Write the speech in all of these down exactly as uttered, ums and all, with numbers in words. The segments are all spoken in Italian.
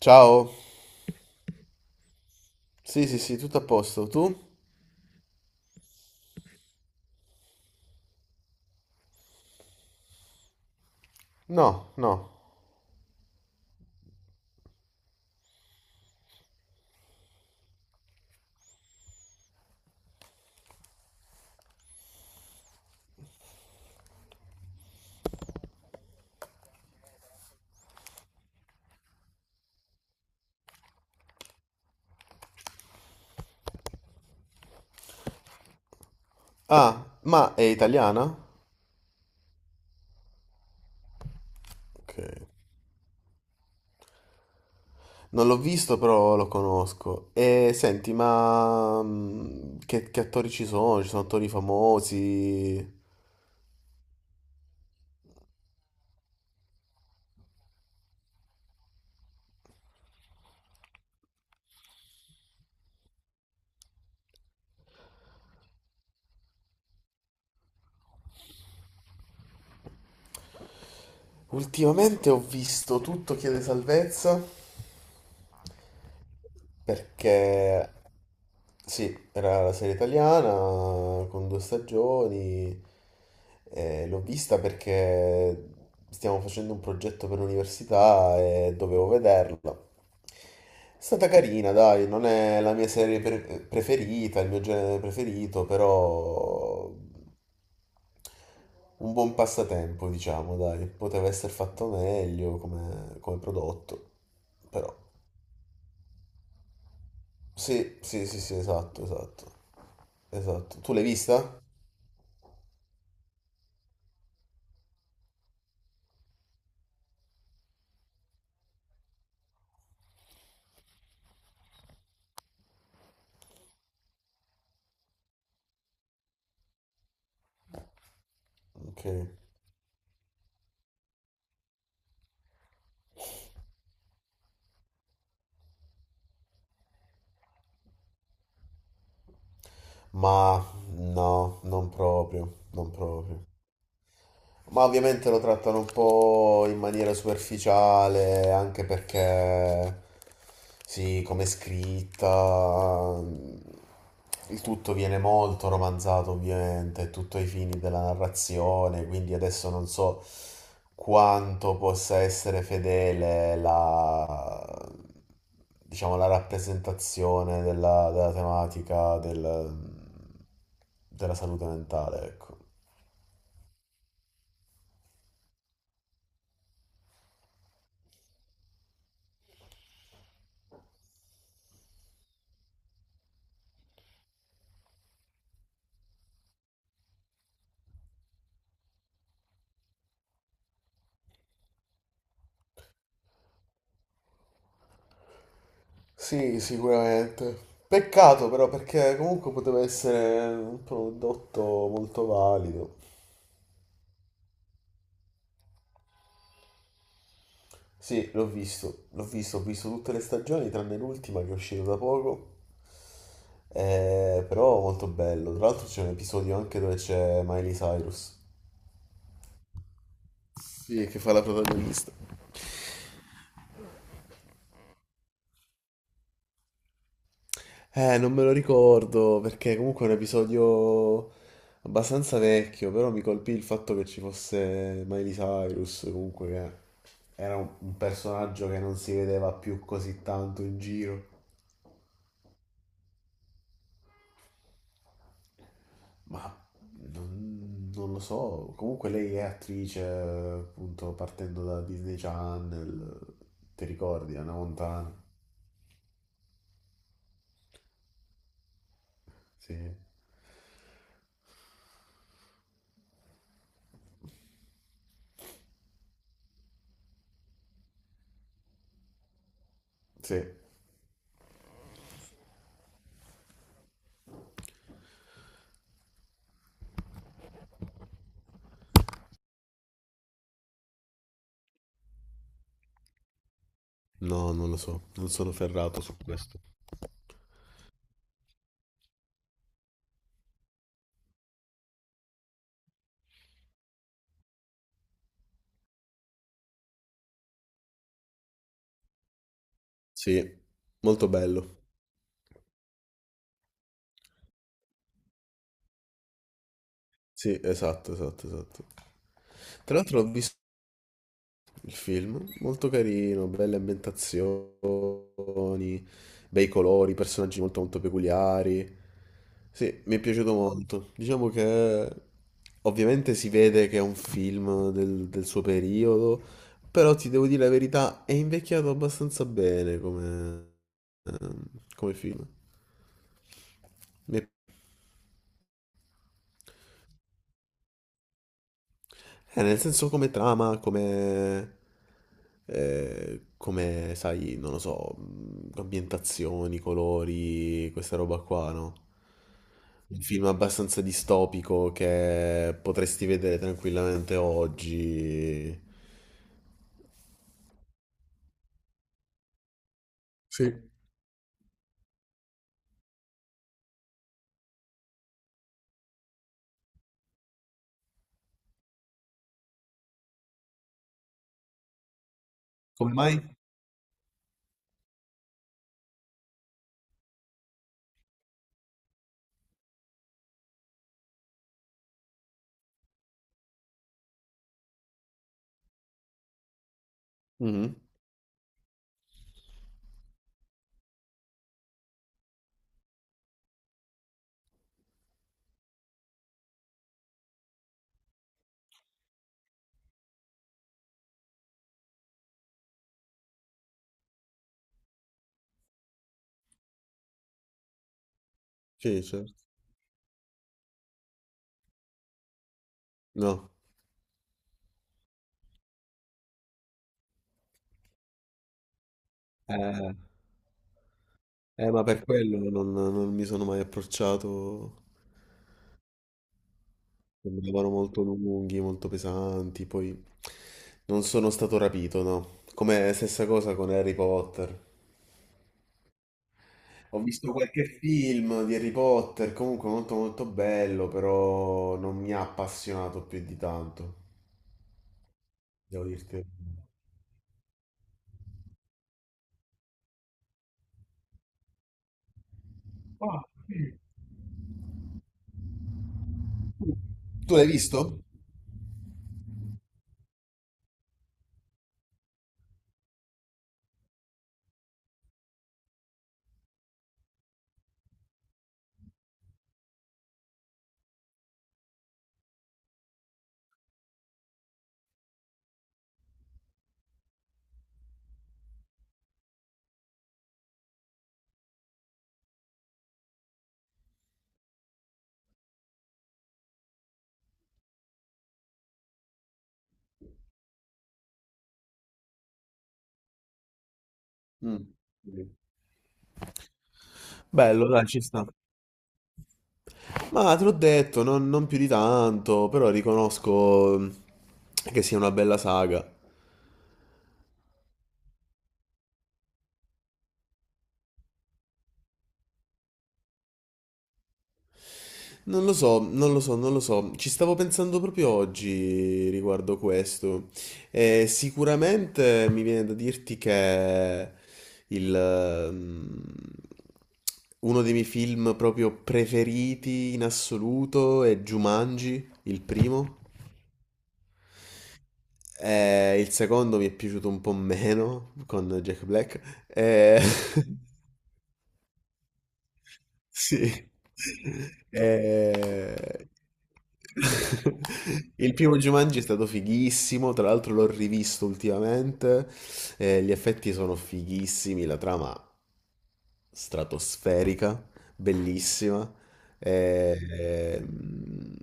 Ciao, sì sì sì, tutto a posto. Tu? No, no. Ah, ma è italiana? Ok. Non l'ho visto, però lo conosco. E senti, ma mm, che, che attori ci sono? Ci sono attori famosi? Ultimamente ho visto Tutto chiede salvezza. Perché sì, era la serie italiana con due stagioni. Eh, l'ho vista perché stiamo facendo un progetto per l'università e dovevo vederla. È stata carina, dai, non è la mia serie pre- preferita, il mio genere preferito, però un buon passatempo, diciamo, dai. Poteva essere fatto meglio come, come prodotto, però. Sì, sì, sì, sì, esatto, esatto. Esatto. Tu l'hai vista? Ok. Ma no, non proprio, non proprio. Ma ovviamente lo trattano un po' in maniera superficiale, anche perché, sì, come è scritta, il tutto viene molto romanzato, ovviamente, tutto ai fini della narrazione, quindi adesso non so quanto possa essere fedele la, diciamo, la rappresentazione della, della tematica del- della salute mentale, ecco. Sì, sicuramente. Peccato però perché comunque poteva essere un prodotto molto valido. Sì, l'ho visto, l'ho visto, ho visto tutte le stagioni tranne l'ultima che è uscita da poco. Eh, però molto bello. Tra l'altro c'è un episodio anche dove c'è Miley Cyrus. Sì, che fa la protagonista. Eh, non me lo ricordo perché comunque è un episodio abbastanza vecchio, però mi colpì il fatto che ci fosse Miley Cyrus, comunque che era un, un personaggio che non si vedeva più così tanto in giro, ma non, non lo so, comunque lei è attrice, eh, appunto, partendo da Disney Channel, ti ricordi, Anna Montana? Sì, sì. No, non lo so, non sono ferrato su questo. Sì, molto bello. Sì, esatto, esatto, esatto. Tra l'altro ho visto il film, molto carino, belle ambientazioni, bei colori, personaggi molto molto peculiari. Sì, mi è piaciuto molto. Diciamo che ovviamente si vede che è un film del, del suo periodo, però ti devo dire la verità, è invecchiato abbastanza bene come, ehm, come film. Mi è Eh, nel senso come trama, come, eh, come, sai, non lo so, mh, ambientazioni, colori, questa roba qua, no? Un film abbastanza distopico che potresti vedere tranquillamente oggi. Sì. Come mai? Mhm. Sì, certo. No. Eh, eh, ma per quello non, non mi sono mai approcciato. Sembravano molto lunghi, molto pesanti, poi non sono stato rapito, no? Come stessa cosa con Harry Potter. Ho visto qualche film di Harry Potter, comunque molto molto bello, però non mi ha appassionato più di tanto, devo dirti. Ah, sì. Tu l'hai visto? Mm. Bello, dai, ci sta. Ma te l'ho detto, non, non più di tanto, però riconosco che sia una bella saga. Non lo so, non lo so, non lo so. Ci stavo pensando proprio oggi riguardo questo. E sicuramente mi viene da dirti che il, ehm, uno dei miei film proprio preferiti in assoluto è Jumanji, il primo. E il secondo mi è piaciuto un po' meno con Jack Black. E... Sì. Eh, il primo Jumanji è stato fighissimo, tra l'altro l'ho rivisto ultimamente, eh, gli effetti sono fighissimi, la trama stratosferica, bellissima. E- e, mm,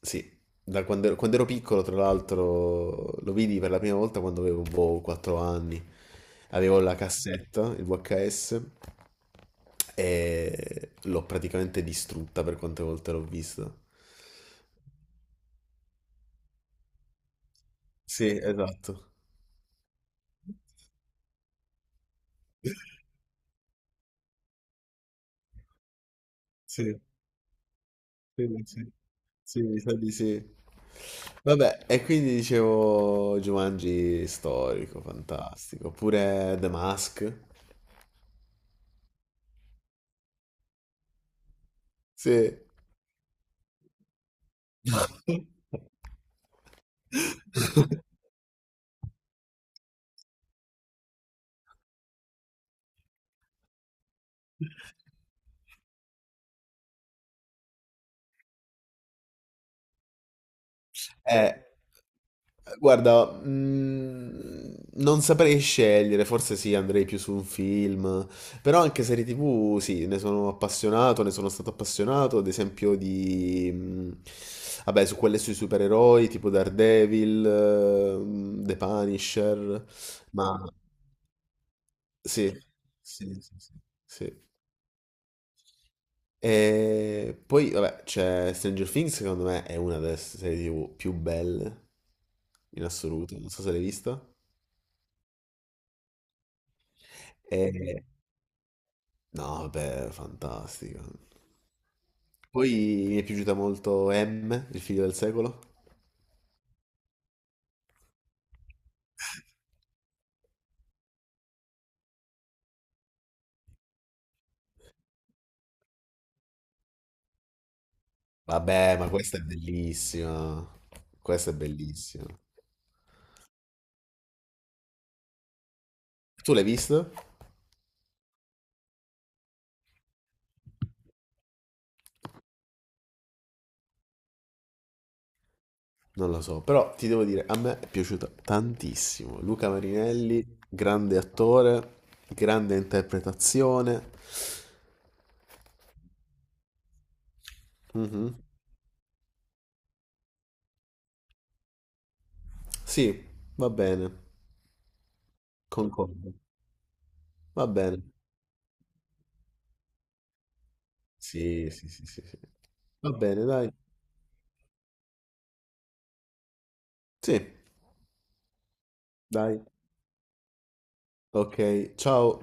sì, da quando ero, quando ero piccolo, tra l'altro, lo vidi per la prima volta quando avevo boh, quattro anni. Avevo la cassetta, il V H S, e l'ho praticamente distrutta per quante volte l'ho vista. Sì, esatto. Sì. Sì, sì. Sì, mi sa di sì. Vabbè, e quindi dicevo Jumanji storico, fantastico. Oppure The Mask. Sì. Eh, guarda, mm, non saprei scegliere, forse sì, andrei più su un film, però anche serie T V, sì, ne sono appassionato, ne sono stato appassionato, ad esempio di, mm, vabbè, su quelle sui supereroi, tipo Daredevil, eh, mm, The Punisher, ma sì, sì, sì, sì. Sì. Sì. E poi, vabbè, c'è Stranger Things, secondo me è una delle serie T V più belle in assoluto, non so se l'hai vista. E, no, beh, fantastica. Poi mi è piaciuta molto M, il figlio del secolo. Vabbè, ma questa è bellissima. Questa è bellissima. Tu l'hai visto? Non lo so, però ti devo dire, a me è piaciuta tantissimo. Luca Marinelli, grande attore, grande interpretazione. Mhm. Sì, va bene. Concordo. Va bene. Sì, sì, sì, sì, sì. Va bene, dai. Sì, dai. Ok, ciao.